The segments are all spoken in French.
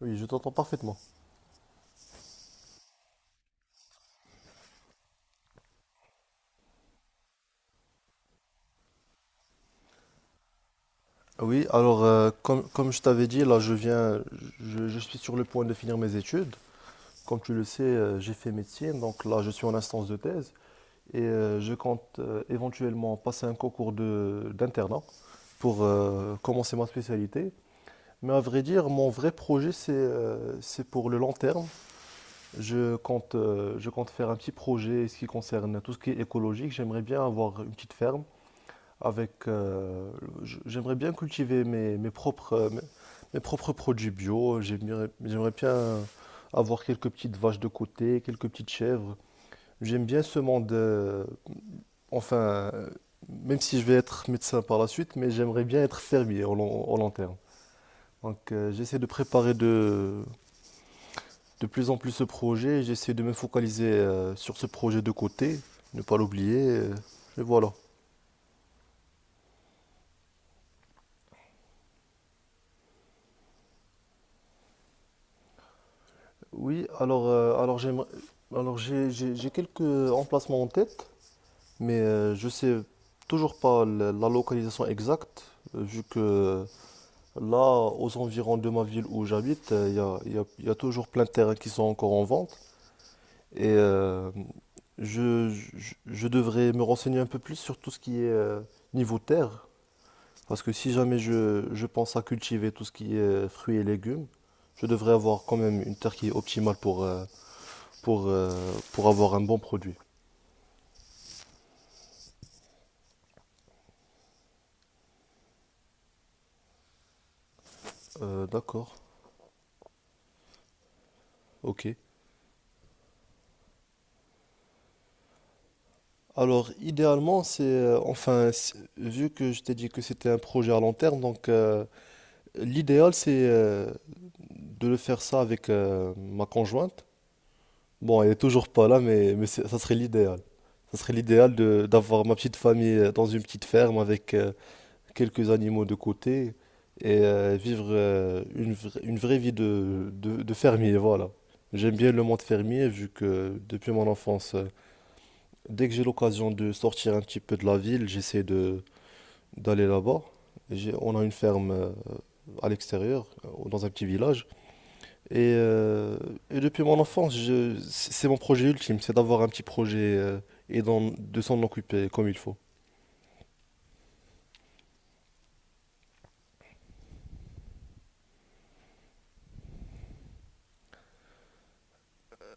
Oui, je t'entends parfaitement. Oui, alors comme je t'avais dit, là je viens, je suis sur le point de finir mes études. Comme tu le sais, j'ai fait médecine, donc là je suis en instance de thèse et je compte éventuellement passer un concours de d'internat pour commencer ma spécialité. Mais à vrai dire, mon vrai projet, c'est pour le long terme. Je compte faire un petit projet ce qui concerne tout ce qui est écologique. J'aimerais bien avoir une petite ferme avec, j'aimerais bien cultiver mes propres, mes propres produits bio. J'aimerais bien avoir quelques petites vaches de côté, quelques petites chèvres. J'aime bien ce monde, enfin, euh, même si je vais être médecin par la suite, mais j'aimerais bien être fermier au long terme. Donc, j'essaie de préparer de plus en plus ce projet. J'essaie de me focaliser sur ce projet de côté, ne pas l'oublier. Et voilà. Oui, alors j'ai quelques emplacements en tête, mais je sais toujours pas la localisation exacte, vu que là, aux environs de ma ville où j'habite, il y a toujours plein de terrains qui sont encore en vente, et je devrais me renseigner un peu plus sur tout ce qui est niveau terre, parce que si jamais je pense à cultiver tout ce qui est fruits et légumes, je devrais avoir quand même une terre qui est optimale pour... pour, euh, pour avoir un bon produit. D'accord, ok. Alors, idéalement, vu que je t'ai dit que c'était un projet à long terme, donc l'idéal, c'est de le faire ça avec ma conjointe. Bon, elle est toujours pas là, ça serait l'idéal. Ça serait l'idéal de d'avoir ma petite famille dans une petite ferme avec quelques animaux de côté et vivre une vraie vie de fermier, voilà. J'aime bien le monde fermier vu que depuis mon enfance, dès que j'ai l'occasion de sortir un petit peu de la ville, j'essaie de d'aller là-bas. On a une ferme à l'extérieur, dans un petit village. Et, euh, et depuis mon enfance, c'est mon projet ultime, c'est d'avoir un petit projet de s'en occuper comme il faut.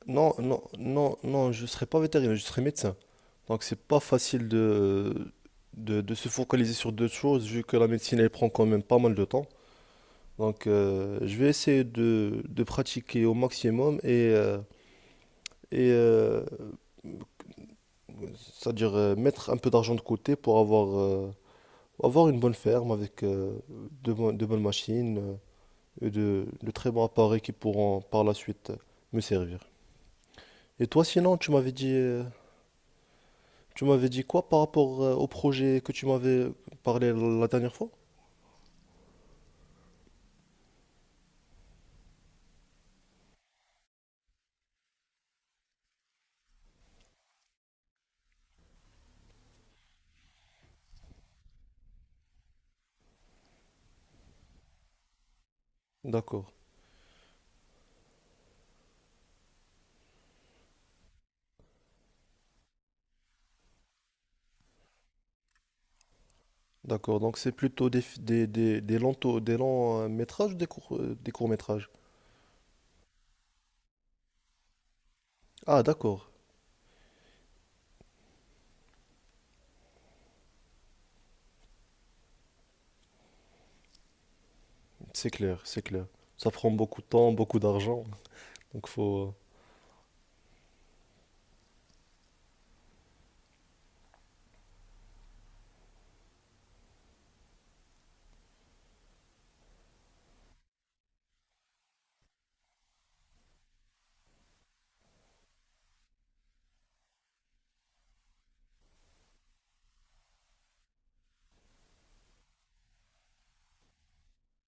Non, non, non, non, je serais pas vétérinaire, je serais médecin. Donc c'est pas facile de se focaliser sur deux choses, vu que la médecine elle prend quand même pas mal de temps. Donc je vais essayer de pratiquer au maximum et euh, c'est-à-dire mettre un peu d'argent de côté pour avoir une bonne ferme avec de bonnes machines de très bons appareils qui pourront par la suite me servir. Et toi sinon, tu m'avais dit... Tu m'avais dit quoi par rapport au projet que tu m'avais parlé la dernière fois? D'accord, d'accord. Donc c'est plutôt des longs, des longs métrages ou des courts métrages? Ah d'accord, c'est clair, c'est clair. Ça prend beaucoup de temps, beaucoup d'argent. Donc faut...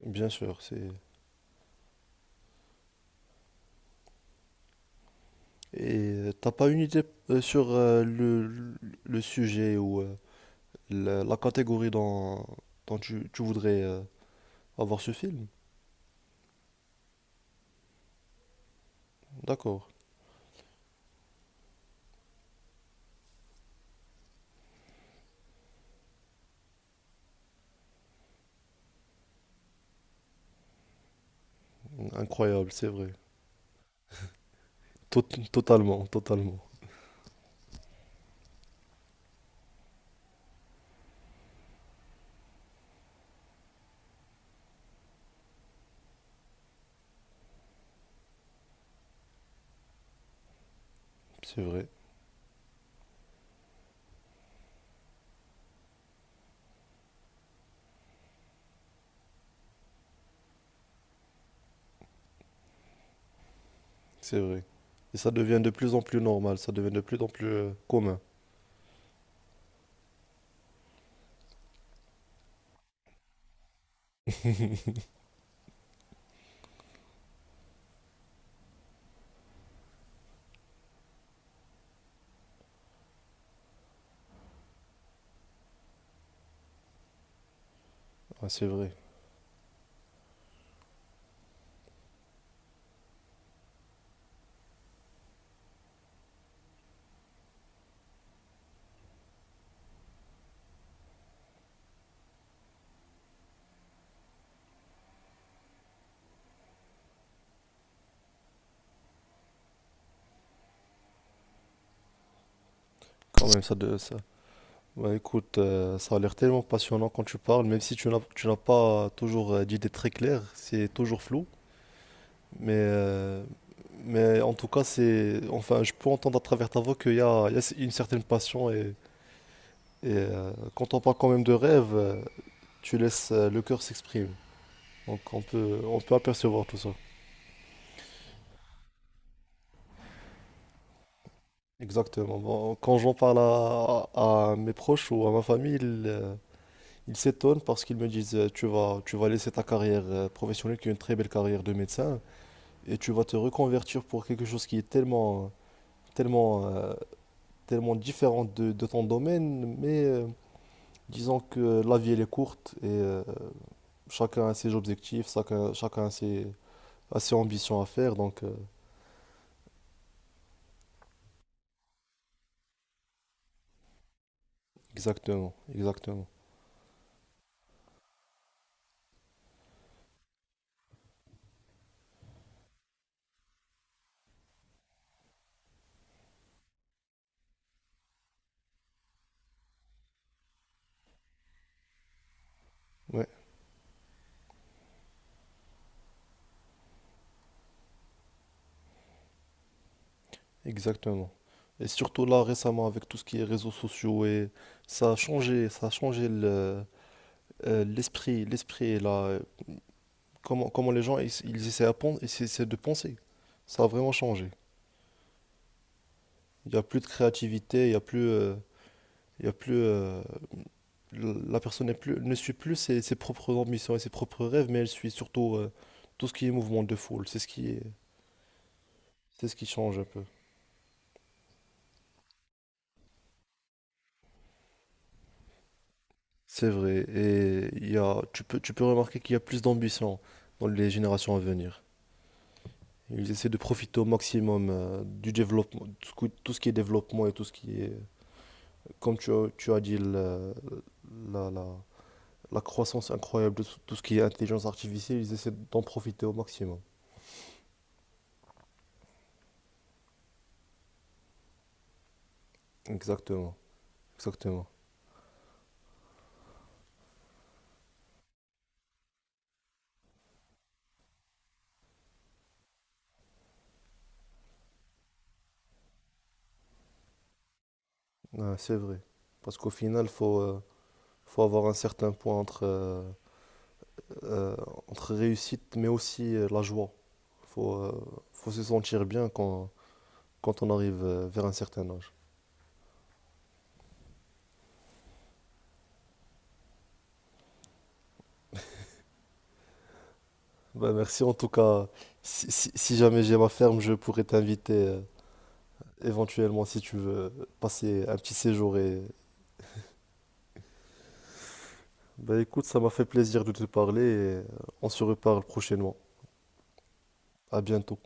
Bien sûr, c'est... Et t'as pas une idée sur le sujet ou la catégorie dont tu voudrais avoir ce film? D'accord, incroyable, c'est vrai. Tot- totalement, totalement. C'est vrai, c'est vrai. Et ça devient de plus en plus normal, ça devient de plus en plus commun. Ouais, c'est vrai. Quand même, ça de ça. Bah, écoute, ça a l'air tellement passionnant quand tu parles, même si tu n'as pas toujours d'idées très claires, c'est toujours flou. Mais, euh, mais en tout cas, enfin, je peux entendre à travers ta voix qu'il y a une certaine passion quand on parle quand même de rêve, tu laisses le cœur s'exprimer. Donc on peut apercevoir tout ça. Exactement. Bon, quand j'en parle à mes proches ou à ma famille, ils s'étonnent parce qu'ils me disent, tu vas laisser ta carrière professionnelle, qui est une très belle carrière de médecin, et tu vas te reconvertir pour quelque chose qui est tellement, tellement, euh, tellement différent de ton domaine. Mais disons que la vie, elle est courte et chacun a ses objectifs, chacun, chacun a ses ambitions à faire. Donc, exactement, exactement. Ouais, exactement. Et surtout là, récemment, avec tout ce qui est réseaux sociaux, et ça a changé l'esprit, l'esprit, comment, comment les gens, ils essaient à ils essaient de penser. Ça a vraiment changé. Il n'y a plus de créativité, il y a plus, la personne n'est plus, ne suit plus ses, ses propres ambitions et ses propres rêves, mais elle suit surtout tout ce qui est mouvement de foule. C'est ce qui est, c'est ce qui change un peu. C'est vrai. Et il y a, tu peux remarquer qu'il y a plus d'ambition dans les générations à venir. Ils essaient de profiter au maximum du développement, tout ce qui est développement et tout ce qui est, comme tu as dit, la, la, la croissance incroyable de tout tout ce qui est intelligence artificielle, ils essaient d'en profiter au maximum. Exactement, exactement. Ouais, c'est vrai. Parce qu'au final, faut avoir un certain point euh, entre réussite mais aussi la joie. Il faut, faut se sentir bien quand on arrive vers un certain âge. Ben merci en tout cas. Si jamais j'ai ma ferme, je pourrais t'inviter éventuellement si tu veux passer un petit séjour. Et... ben écoute, ça m'a fait plaisir de te parler et euh, on se reparle prochainement. À bientôt.